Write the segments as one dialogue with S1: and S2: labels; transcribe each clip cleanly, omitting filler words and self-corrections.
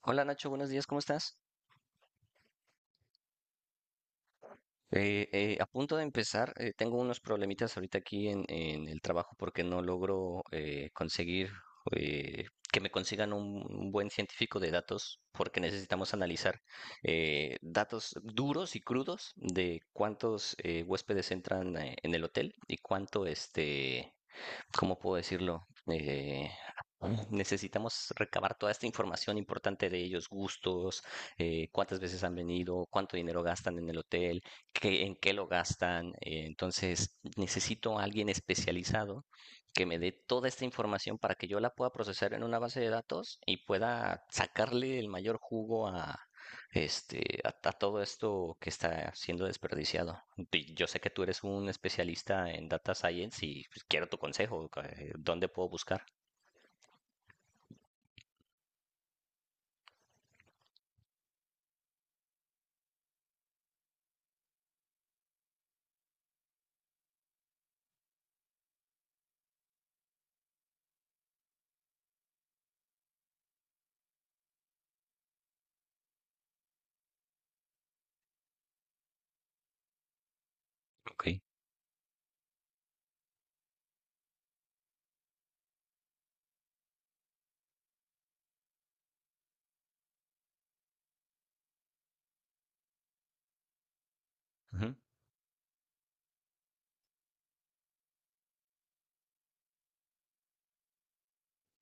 S1: Hola Nacho, buenos días, ¿cómo estás? A punto de empezar, tengo unos problemitas ahorita aquí en el trabajo porque no logro conseguir eh, que me consigan un buen científico de datos porque necesitamos analizar datos duros y crudos de cuántos huéspedes entran en el hotel y cuánto este, ¿cómo puedo decirlo? Ah, necesitamos recabar toda esta información importante de ellos, gustos, cuántas veces han venido, cuánto dinero gastan en el hotel, en qué lo gastan. Entonces, necesito a alguien especializado que me dé toda esta información para que yo la pueda procesar en una base de datos y pueda sacarle el mayor jugo a todo esto que está siendo desperdiciado. Y yo sé que tú eres un especialista en data science y pues, quiero tu consejo, ¿dónde puedo buscar? Ok. Ujú,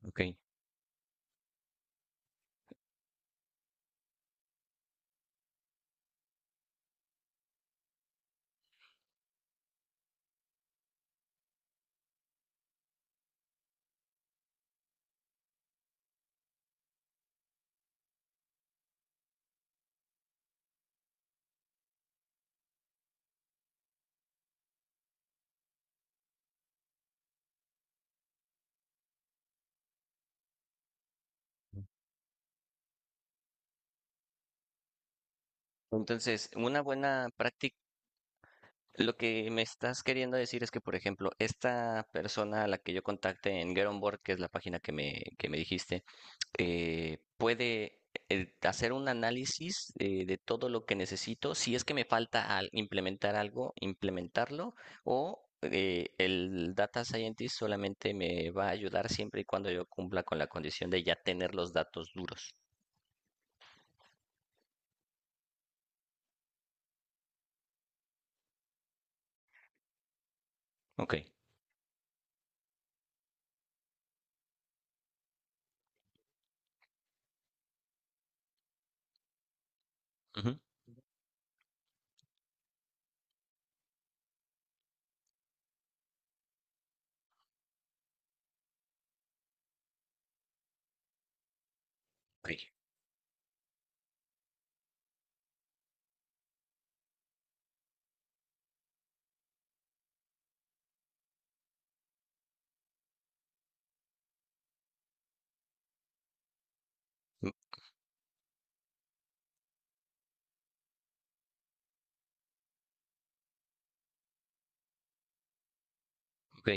S1: ok. Entonces, una buena práctica, lo que me estás queriendo decir es que, por ejemplo, esta persona a la que yo contacte en Get On Board, que es la página que me dijiste, puede hacer un análisis de todo lo que necesito, si es que me falta al implementar algo, implementarlo, o el data scientist solamente me va a ayudar siempre y cuando yo cumpla con la condición de ya tener los datos duros. Ok. Ujú. Ok, mm, ok.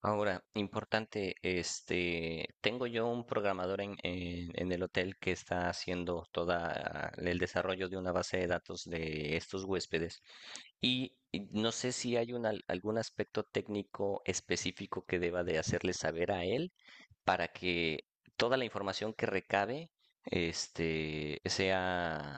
S1: Ahora, importante, este, tengo yo un programador en el hotel que está haciendo todo el desarrollo de una base de datos de estos huéspedes. Y no sé si hay algún aspecto técnico específico que deba de hacerle saber a él para que toda la información que recabe este, sea,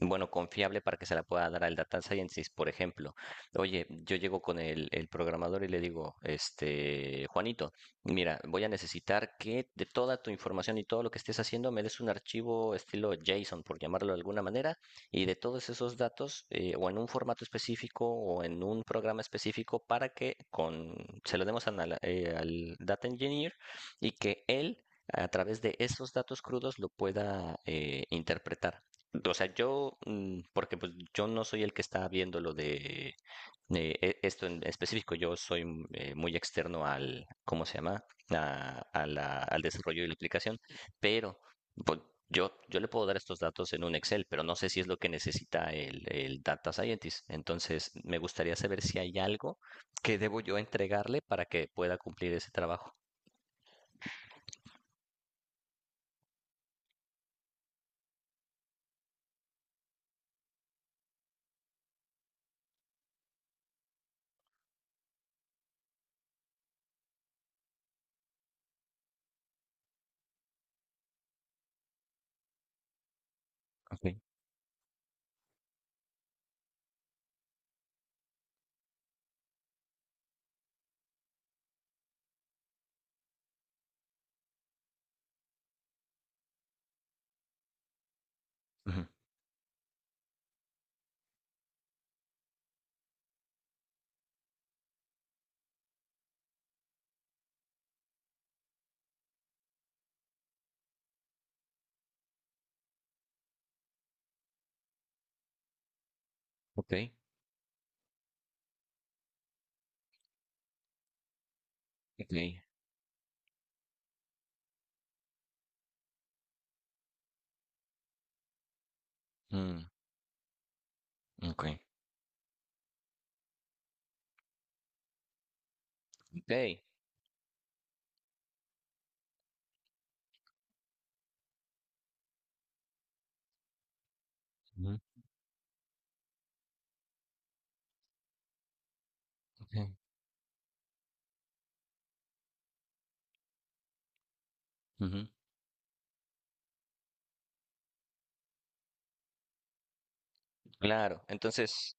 S1: bueno, confiable para que se la pueda dar al data scientist, por ejemplo. Oye, yo llego con el programador y le digo, este, Juanito, mira, voy a necesitar que de toda tu información y todo lo que estés haciendo me des un archivo estilo JSON, por llamarlo de alguna manera, y de todos esos datos o en un formato específico o en un programa específico para que se lo demos al data engineer y que él a través de esos datos crudos lo pueda interpretar. O sea, yo, porque pues yo no soy el que está viendo lo de esto en específico, yo soy muy externo al, ¿cómo se llama? Al desarrollo de la aplicación, pero pues yo le puedo dar estos datos en un Excel, pero no sé si es lo que necesita el Data Scientist. Entonces, me gustaría saber si hay algo que debo yo entregarle para que pueda cumplir ese trabajo. Okay. Ujú, ok, ok, mm, ok, ok, ujú, ok, ujú. Claro, entonces.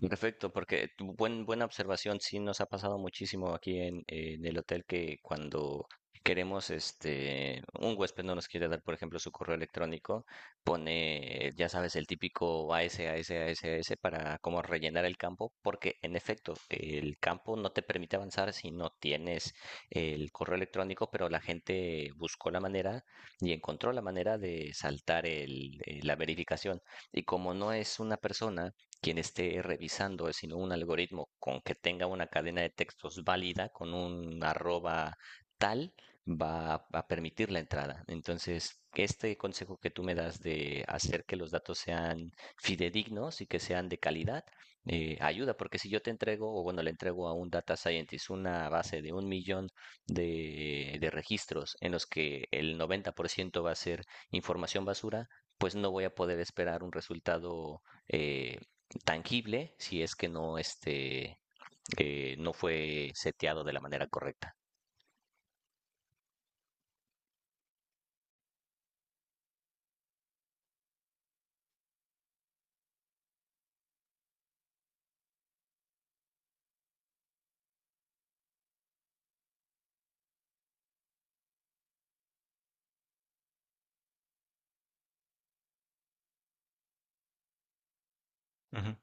S1: Perfecto, porque tu buena observación, sí nos ha pasado muchísimo aquí en el hotel que cuando queremos, este, un huésped no nos quiere dar, por ejemplo, su correo electrónico, pone, ya sabes, el típico AS, s AS, s A S, A S para como rellenar el campo, porque en efecto, el campo no te permite avanzar si no tienes el correo electrónico, pero la gente buscó la manera y encontró la manera de saltar la verificación. Y como no es una persona, quien esté revisando, sino un algoritmo con que tenga una cadena de textos válida, con un arroba tal, va a- permitir la entrada. Entonces, este consejo que tú me das de hacer que los datos sean fidedignos y que sean de calidad, ayuda, porque si yo te entrego, o bueno, le entrego a un data scientist una base de un millón de registros en los que el 90% va a ser información basura, pues no voy a poder esperar un resultado eh, tangible si es que no fue seteado de la manera correcta. Ujú,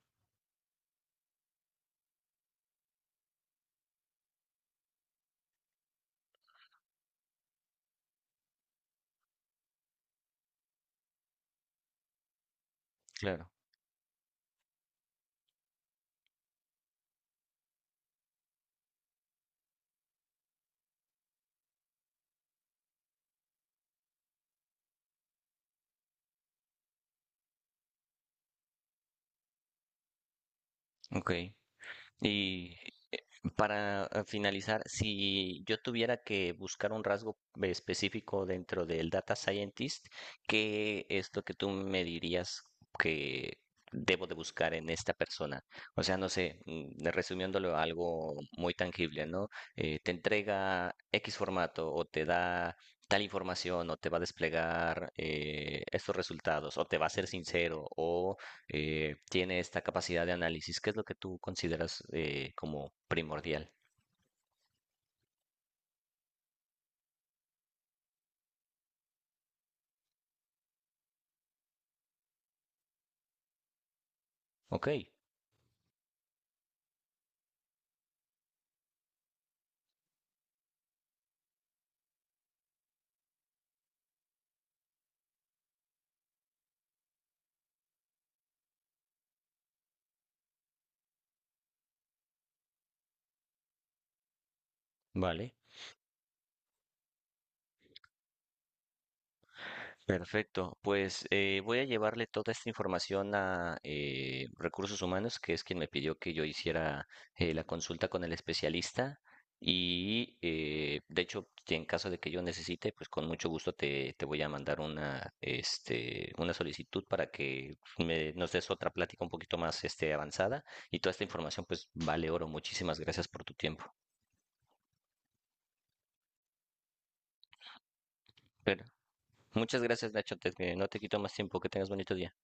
S1: claro, ok. Y para finalizar, si yo tuviera que buscar un rasgo específico dentro del data scientist, ¿qué es lo que tú me dirías que debo de buscar en esta persona? O sea, no sé, resumiéndolo a algo muy tangible, ¿no? Te entrega X formato o te da tal información o te va a desplegar estos resultados o te va a ser sincero o tiene esta capacidad de análisis, qué es lo que tú consideras como primordial. Ok, vale. Perfecto, pues voy a llevarle toda esta información a Recursos Humanos, que es quien me pidió que yo hiciera la consulta con el especialista. Y de hecho, si en caso de que yo necesite, pues con mucho gusto te voy a mandar una solicitud para que nos des otra plática un poquito más este, avanzada. Y toda esta información, pues vale oro. Muchísimas gracias por tu tiempo. Pero muchas gracias, Nacho. No te quito más tiempo. Que tengas bonito día.